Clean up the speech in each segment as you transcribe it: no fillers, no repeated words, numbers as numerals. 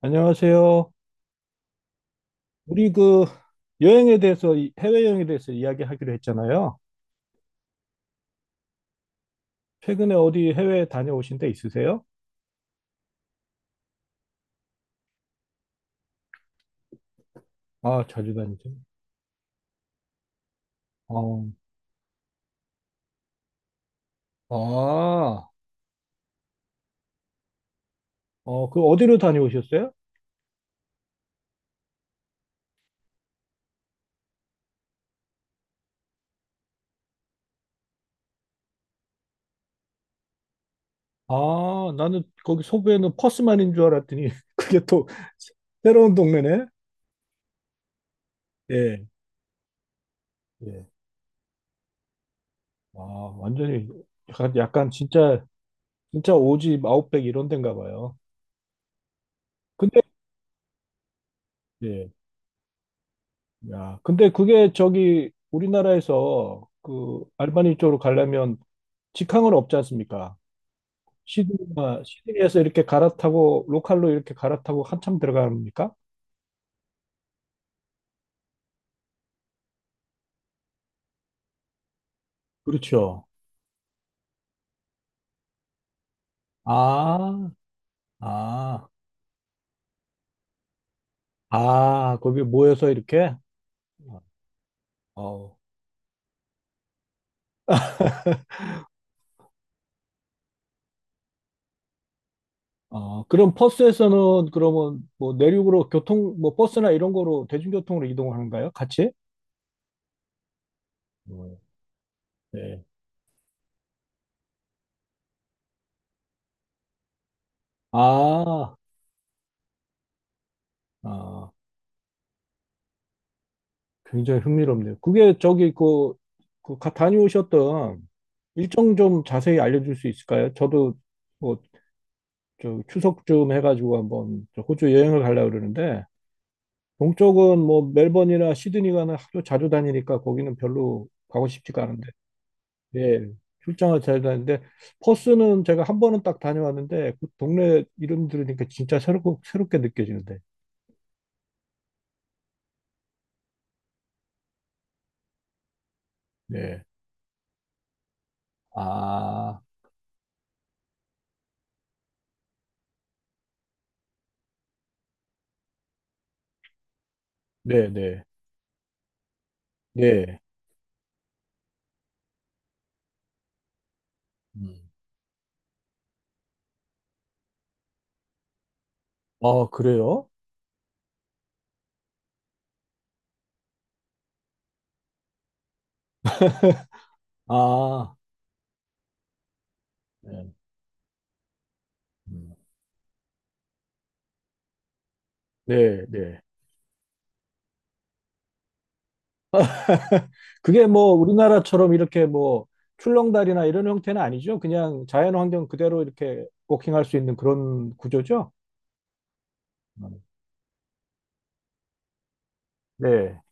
안녕하세요. 우리 그 여행에 대해서, 해외여행에 대해서 이야기하기로 했잖아요. 최근에 어디 해외 다녀오신 데 있으세요? 아, 자주 다니죠. 어, 아, 어, 그 어디로 다녀오셨어요? 아, 나는 거기 서부에는 퍼스만인 줄 알았더니 그게 또 새로운 동네네? 예, 예. 아, 완전히 약간 진짜, 진짜 오지 아웃백 이런 데인가 봐요. 근데, 예. 야, 근데 그게 저기 우리나라에서 그 알바니 쪽으로 가려면 직항은 없지 않습니까? 시드니나 시드니에서 이렇게 갈아타고 로컬로 이렇게 갈아타고 한참 들어갑니까? 그렇죠. 아, 아, 아, 거기 모여서 이렇게? 어, 어, 그럼 버스에서는 그러면 뭐 내륙으로 교통, 뭐 버스나 이런 거로 대중교통으로 이동하는가요? 같이? 음, 네. 아, 아, 굉장히 흥미롭네요. 그게 저기 그 다녀오셨던 일정 좀 자세히 알려줄 수 있을까요? 저도 뭐 저 추석쯤 해가지고 한번 저 호주 여행을 가려고 그러는데 동쪽은 뭐 멜번이나 시드니 가는 하도 자주 다니니까 거기는 별로 가고 싶지가 않은데. 예, 출장을 잘 다니는데 퍼스는 제가 한 번은 딱 다녀왔는데 그 동네 이름 들으니까 진짜 새롭고 새롭게 느껴지는데. 네. 아, 네네. 네. 음. 아, 그래요? 아, 네. 음. 네, 네. 그게 뭐 우리나라처럼 이렇게 뭐 출렁다리나 이런 형태는 아니죠. 그냥 자연 환경 그대로 이렇게 워킹할 수 있는 그런 구조죠. 음. 네.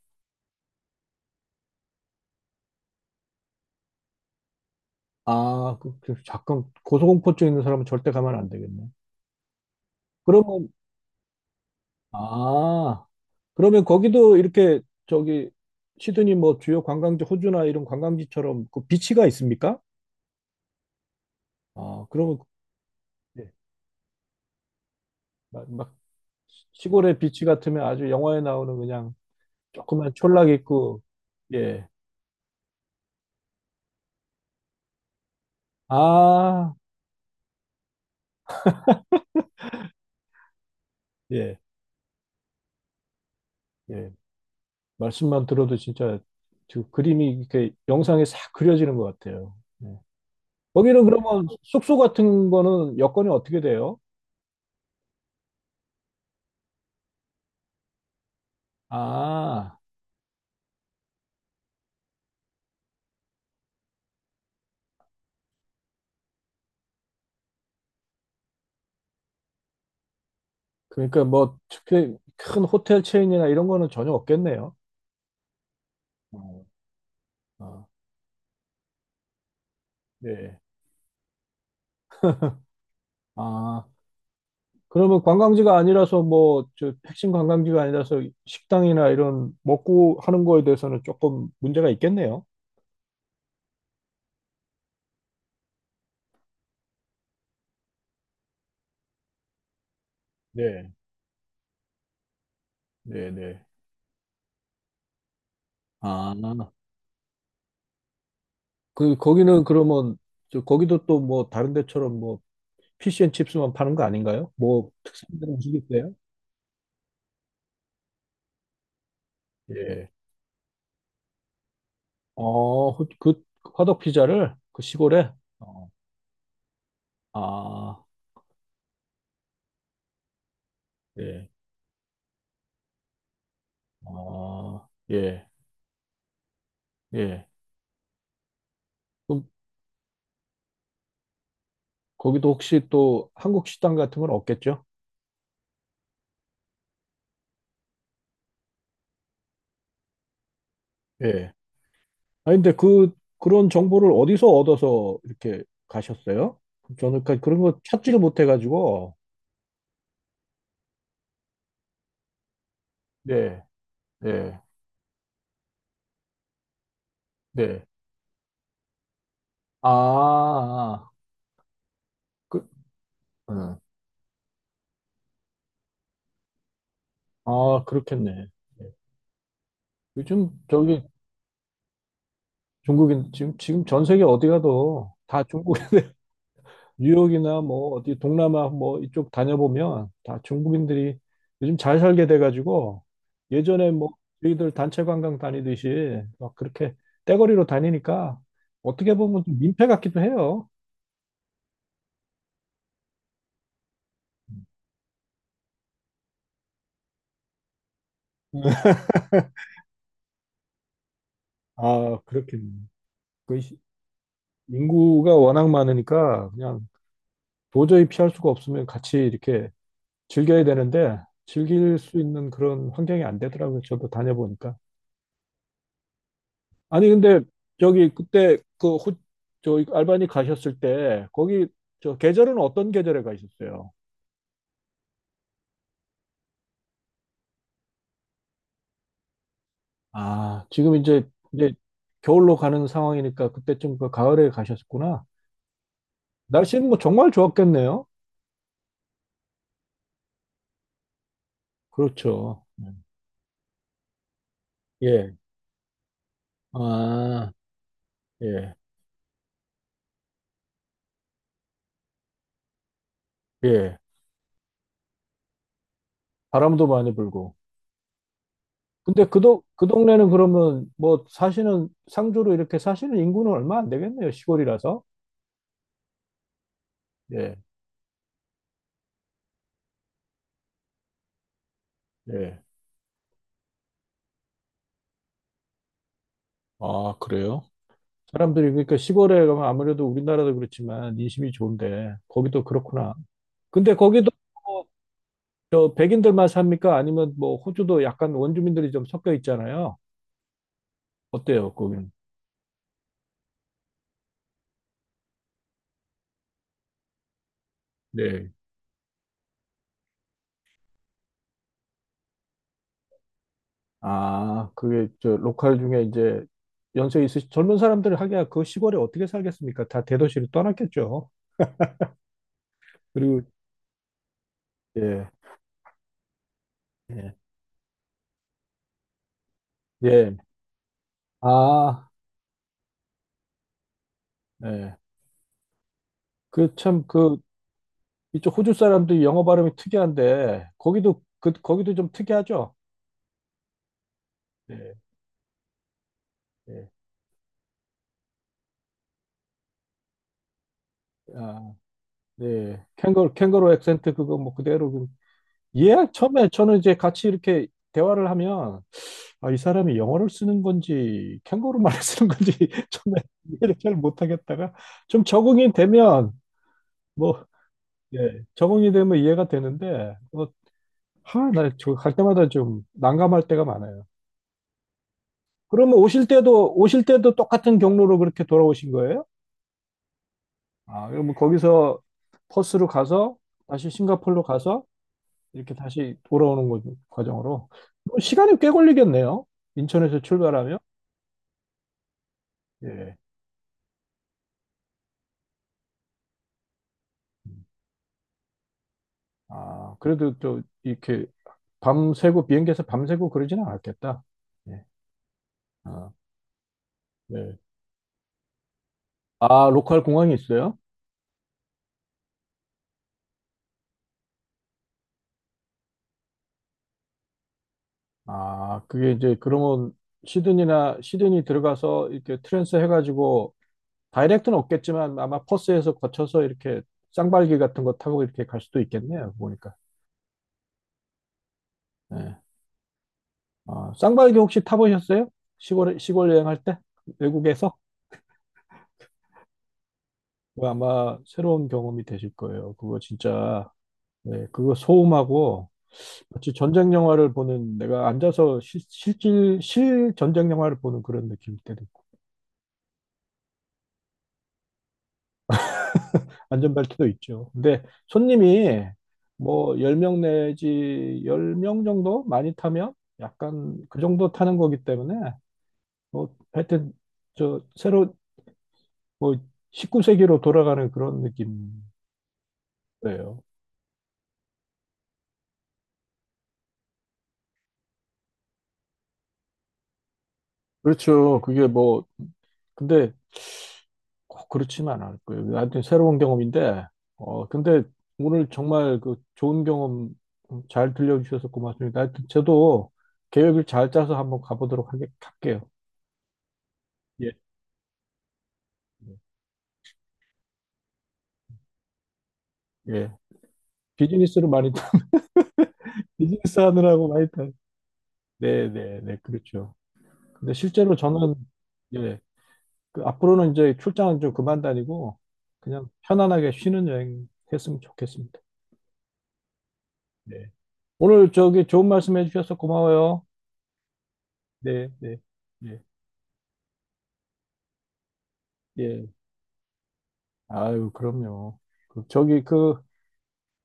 아, 그 잠깐 고소공포증 있는 사람은 절대 가면 안 되겠네. 그러면 아, 그러면 거기도 이렇게 저기 시드니 뭐 주요 관광지 호주나 이런 관광지처럼 그 비치가 있습니까? 아, 그러면 네. 막 시골의 비치 같으면 아주 영화에 나오는 그냥 조그만 촌락 있고, 예. 아, 예, 예. 말씀만 들어도 진짜 그 그림이 이렇게 영상에 싹 그려지는 것 같아요. 예. 거기는 그러면 숙소 같은 거는 여건이 어떻게 돼요? 아, 그러니까 뭐 특히 큰 호텔 체인이나 이런 거는 전혀 없겠네요. 어, 아, 예. 아, 그러면 관광지가 아니라서 뭐 저 핵심 관광지가 아니라서 식당이나 이런 먹고 하는 거에 대해서는 조금 문제가 있겠네요. 네, 네, 네. 아, 그, 거기는 그러면, 저, 거기도 또 뭐, 다른 데처럼 뭐, 피시앤칩스만 파는 거 아닌가요? 뭐, 특산물 음식이세요? 예. 어, 그 화덕 피자를 그 시골에? 어, 아, 예. 아, 예. 예. 그럼 거기도 혹시 또 한국 식당 같은 건 없겠죠? 예. 아, 근데 그런 정보를 어디서 얻어서 이렇게 가셨어요? 저는 그런 거 찾지를 못해가지고. 네, 네, 네. 아, 그, 어. 아, 그렇겠네. 예. 요즘 저기 중국인 지금 전 세계 어디 가도 다 중국 뉴욕이나 뭐 어디 동남아 뭐 이쪽 다녀보면 다 중국인들이 요즘 잘 살게 돼가지고 예전에 뭐 저희들 단체 관광 다니듯이 막 그렇게 떼거리로 다니니까 어떻게 보면 좀 민폐 같기도 해요. 아, 그렇겠네. 그 인구가 워낙 많으니까 그냥 도저히 피할 수가 없으면 같이 이렇게 즐겨야 되는데 즐길 수 있는 그런 환경이 안 되더라고요. 저도 다녀보니까. 아니 근데 저기 그때 그 저 알바니 가셨을 때 거기 저 계절은 어떤 계절에 가셨어요? 아, 지금 이제 겨울로 가는 상황이니까 그때쯤 그 가을에 가셨구나. 날씨는 뭐 정말 좋았겠네요. 그렇죠. 예. 아, 예. 예. 바람도 많이 불고. 근데 그, 동 그 동네는 그러면 뭐 사시는 상주로 이렇게 사시는 인구는 얼마 안 되겠네요. 시골이라서. 예, 예. 아, 그래요? 사람들이 그러니까 시골에 가면 아무래도 우리나라도 그렇지만 인심이 좋은데 거기도 그렇구나. 근데 거기도 뭐 저 백인들만 삽니까? 아니면 뭐 호주도 약간 원주민들이 좀 섞여 있잖아요. 어때요, 거기는? 네. 아, 그게 저 로컬 중에 이제 연세 있으신 젊은 사람들 하기야 그 시골에 어떻게 살겠습니까? 다 대도시로 떠났겠죠. 그리고 예. 예. 예. 아, 예. 그 참 그 이쪽 호주 사람도 영어 발음이 특이한데 거기도 좀 특이하죠. 예. 예. 아, 네. 캥거루 캥거루 액센트 그거 뭐 그대로 예, 처음에 저는 이제 같이 이렇게 대화를 하면 아, 이 사람이 영어를 쓰는 건지 캥거루 말을 쓰는 건지 처음에 이해를 잘 못하겠다가 좀 적응이 되면 뭐 예, 적응이 되면 이해가 되는데 뭐, 하, 나저갈 때마다 좀 난감할 때가 많아요. 그러면 오실 때도 똑같은 경로로 그렇게 돌아오신 거예요? 아, 그러면 거기서 퍼스로 가서, 다시 싱가포르로 가서, 이렇게 다시 돌아오는 거, 과정으로. 그럼 시간이 꽤 걸리겠네요. 인천에서 출발하면. 예. 아, 그래도 또, 이렇게 밤새고, 비행기에서 밤새고 그러지는 않았겠다. 예. 아, 네. 아, 로컬 공항이 있어요? 아, 그게 이제, 그러면, 시드니 들어가서 이렇게 트랜스 해가지고 다이렉트는 없겠지만 아마 퍼스에서 거쳐서 이렇게 쌍발기 같은 거 타고 이렇게 갈 수도 있겠네요. 보니까. 예. 아, 쌍발기 혹시 타보셨어요? 시골 시골 여행할 때 외국에서. 그거 아마 새로운 경험이 되실 거예요. 그거 진짜. 네, 그거 소음하고 마치 전쟁 영화를 보는, 내가 앉아서 실, 실질 실 전쟁 영화를 보는 그런 느낌이 때도 있고. 안전벨트도 있죠. 근데 손님이 뭐 10명 내지 10명 정도 많이 타면 약간 그 정도 타는 거기 때문에, 뭐 하여튼 저 새로 뭐 19세기로 돌아가는 그런 느낌이에요. 그렇죠. 그게 뭐 근데 꼭 그렇지만 않을 거예요. 하여튼 새로운 경험인데. 어 근데 오늘 정말 그 좋은 경험 잘 들려주셔서 고맙습니다. 하여튼 저도 계획을 잘 짜서 한번 가보도록 할게요. 예. 예. 비즈니스를 많이 타. 비즈니스 하느라고 많이 타. 네, 네, 네, 그렇죠. 근데 실제로 저는 예, 그 앞으로는 이제 출장은 좀 그만 다니고 그냥 편안하게 쉬는 여행 했으면 좋겠습니다. 네. 오늘 저기 좋은 말씀 해주셔서 고마워요. 네, 네, 예, 예. 아유, 그럼요. 그 저기 그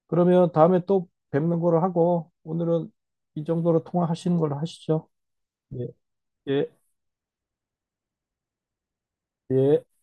그러면 다음에 또 뵙는 거로 하고 오늘은 이 정도로 통화하시는 걸로 하시죠. 예, 예, 예.